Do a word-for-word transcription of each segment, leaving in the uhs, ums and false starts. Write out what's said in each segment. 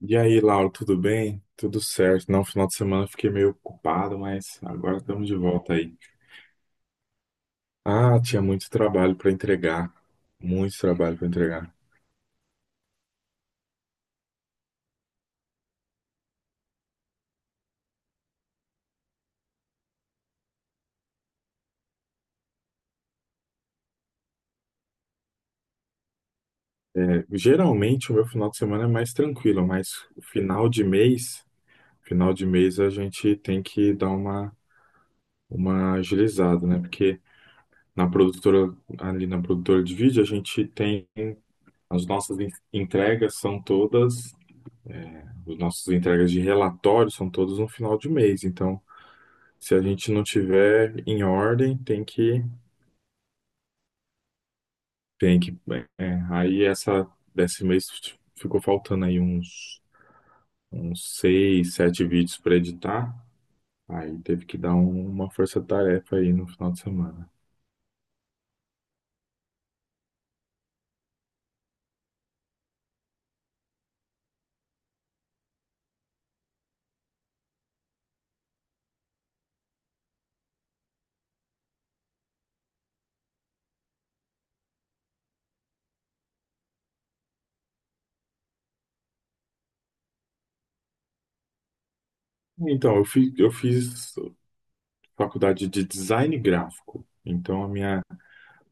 E aí, Laura, tudo bem? Tudo certo. Não, final de semana eu fiquei meio ocupado, mas agora estamos de volta aí. Ah, tinha muito trabalho para entregar. Muito trabalho para entregar. É, geralmente o meu final de semana é mais tranquilo, mas final de mês, final de mês a gente tem que dar uma, uma agilizada, né? Porque na produtora, ali na produtora de vídeo, a gente tem as nossas en- entregas são todas, os nossos entregas de relatório são todos no final de mês, então se a gente não tiver em ordem, tem que, tem que, é, aí essa, desse mês ficou faltando aí uns, uns seis, sete vídeos para editar, aí teve que dar um- uma força-tarefa aí no final de semana. Então, eu fiz, eu fiz faculdade de design gráfico, então a minha,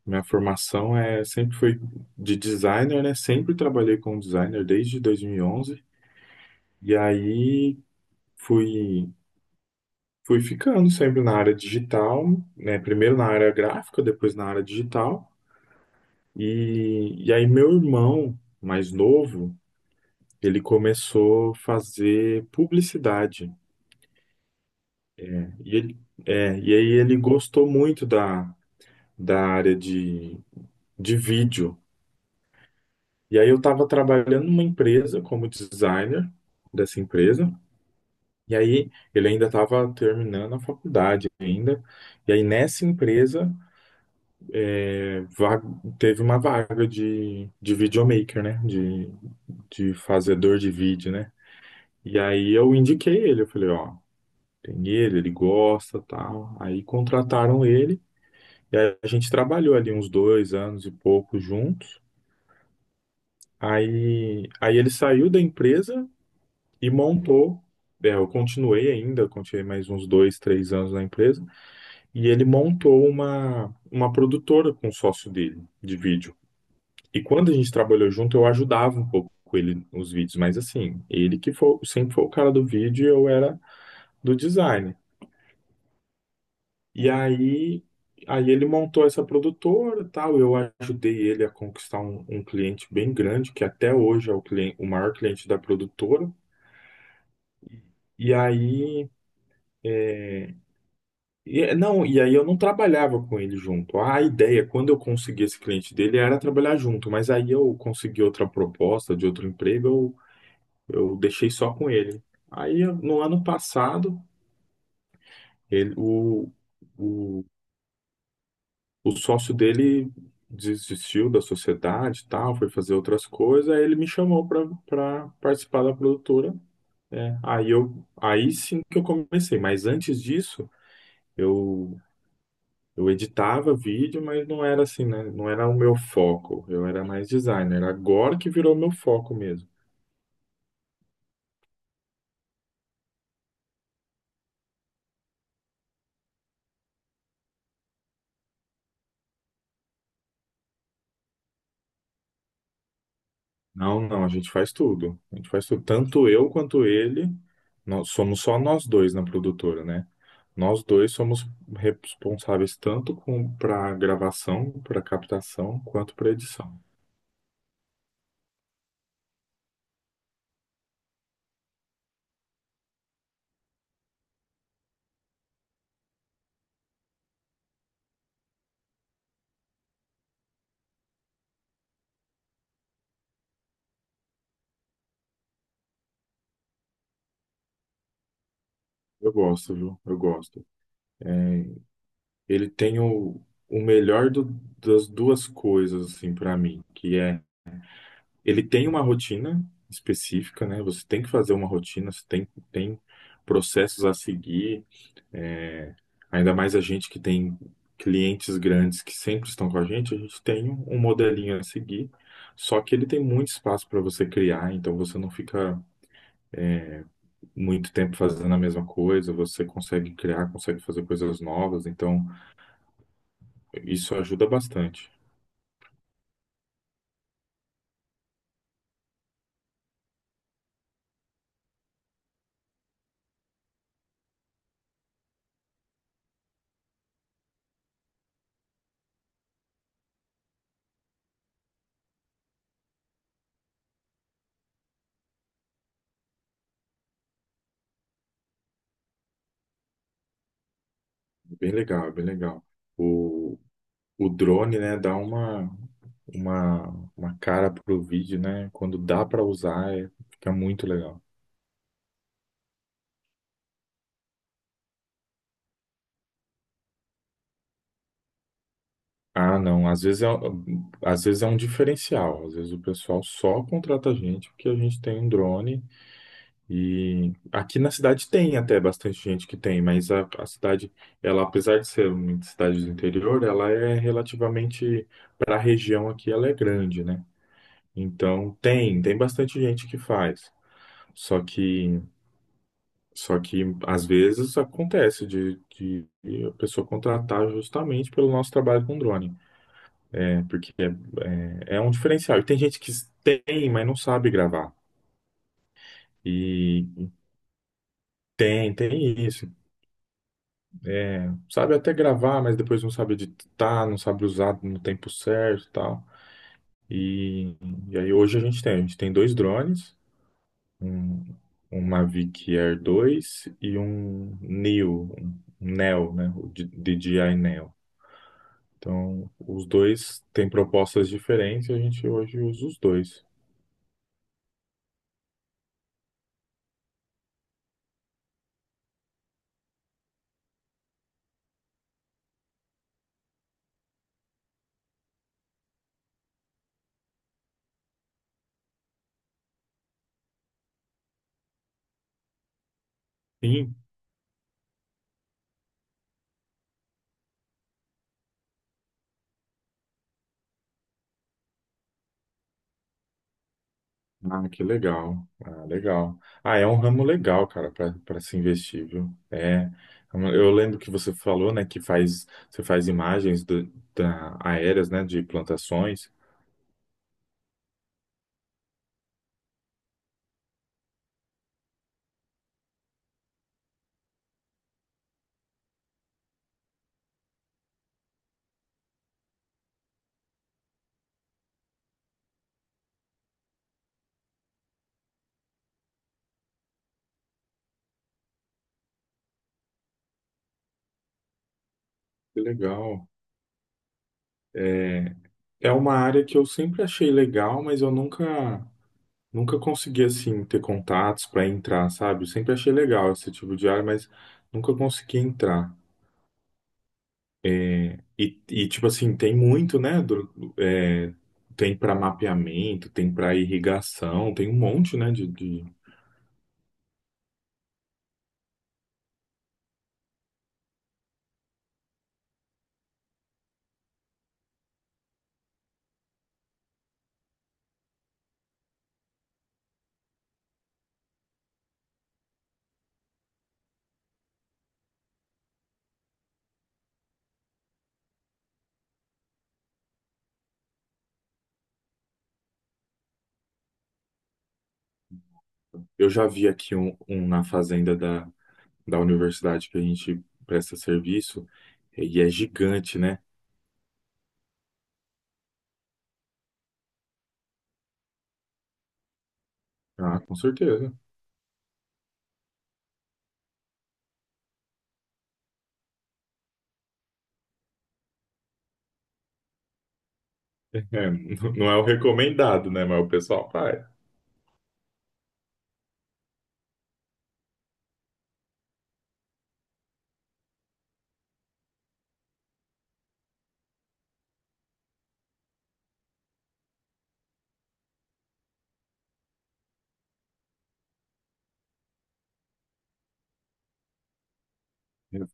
minha formação é, sempre foi de designer, né? Sempre trabalhei como designer desde dois mil e onze, e onze. E aí fui fui ficando sempre na área digital, né? Primeiro na área gráfica, depois na área digital. E, e aí meu irmão mais novo, ele começou a fazer publicidade. E ele, é, e aí ele gostou muito da, da área de, de vídeo. E aí eu estava trabalhando numa empresa como designer dessa empresa. E aí ele ainda estava terminando a faculdade ainda. E aí nessa empresa va- teve uma vaga de, de videomaker, né? De, de fazedor de vídeo, né? E aí eu indiquei ele, eu falei, ó, tem ele, ele gosta, tal. Aí contrataram ele, e aí a gente trabalhou ali uns dois anos e pouco juntos. Aí, aí ele saiu da empresa e montou. É, eu continuei ainda, continuei mais uns dois, três anos na empresa, e ele montou uma, uma produtora com o sócio dele de vídeo. E quando a gente trabalhou junto, eu ajudava um pouco ele nos vídeos, mas assim, ele que foi, sempre foi o cara do vídeo e eu era do design. E aí, aí ele montou essa produtora, e tal, eu ajudei ele a conquistar um, um cliente bem grande, que até hoje é o cliente, o maior cliente da produtora. E aí, e- não, e aí eu não trabalhava com ele junto. A ideia, quando eu consegui esse cliente dele, era trabalhar junto, mas aí eu consegui outra proposta de outro emprego, eu deixei só com ele. Aí, no ano passado, ele, o, o, o sócio dele desistiu da sociedade e tal, foi fazer outras coisas, aí ele me chamou para participar da produtora. É, aí eu, aí sim que eu comecei, mas antes disso, eu, eu editava vídeo, mas não era assim, né? Não era o meu foco, eu era mais designer. Agora que virou meu foco mesmo. Não, não, a gente faz tudo. A gente faz tudo. Tanto eu quanto ele, nós somos só nós dois na produtora, né? Nós dois somos responsáveis tanto com para gravação, para captação, quanto para edição. Eu gosto, viu? Eu gosto. É, ele tem o, o melhor do- das duas coisas, assim, para mim, que é ele tem uma rotina específica, né? Você tem que fazer uma rotina, você tem, tem processos a seguir. É, ainda mais a gente que tem clientes grandes que sempre estão com a gente, a gente tem um um modelinho a seguir, só que ele tem muito espaço para você criar, então você não fica muito tempo fazendo a mesma coisa, você consegue criar, consegue fazer coisas novas, então isso ajuda bastante. Bem legal, bem legal. O, o drone, né, dá uma, uma, uma cara pro vídeo, né? Quando dá para usar, é- fica muito legal. Ah, não. Às vezes é, às vezes é um diferencial. Às vezes o pessoal só contrata a gente porque a gente tem um drone. E aqui na cidade tem até bastante gente que tem, mas a, a cidade, ela, apesar de ser uma cidade do interior, ela é relativamente, para a região aqui, ela é grande, né? Então tem, tem bastante gente que faz. Só que, só que às vezes acontece de, de a pessoa contratar justamente pelo nosso trabalho com drone. Né? Porque é, é, é um diferencial. E tem gente que tem, mas não sabe gravar. E tem, tem isso. Sabe até gravar, mas depois não sabe editar, não sabe usar no tempo certo e tal. E, e aí hoje a gente tem, a gente tem dois drones, um, um Mavic Air dois e um Neo, um Neo, né? O D- DJI Neo. Então, os dois têm propostas diferentes e a gente hoje usa os dois. E ah, que legal. Ah, legal. Ah, é um ramo legal, cara, para para se investir, viu? É. Eu lembro que você falou, né, que faz você faz imagens do- da, aéreas, né, de plantações. Que legal. É, é uma área que eu sempre achei legal, mas eu nunca nunca consegui assim ter contatos para entrar, sabe? Eu sempre achei legal esse tipo de área, mas nunca consegui entrar. E, e, tipo assim, tem muito, né? do- do- é, tem para mapeamento, tem para irrigação, tem um monte, né? De, de- eu já vi aqui um, um na fazenda da, da universidade que a gente presta serviço, e é gigante, né? Ah, com certeza. É, n- não é o recomendado, né? Mas o pessoal faz.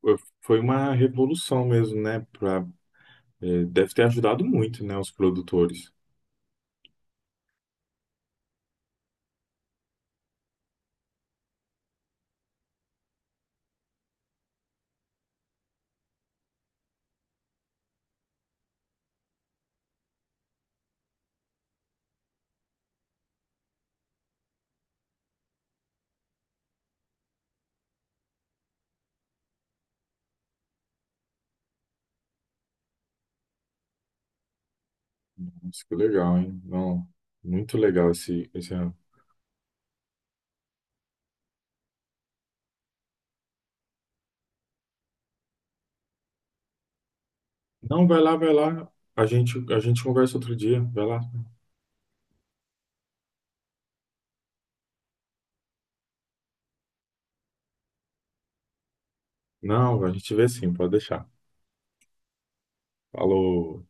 Foi foi uma revolução mesmo, né? Pra, é, deve ter ajudado muito, né? Os produtores. Nossa, que legal, hein? Não, muito legal esse, esse não, vai lá, vai lá. A gente, a gente conversa outro dia. Vai lá. Não, a gente vê sim, pode deixar. Falou.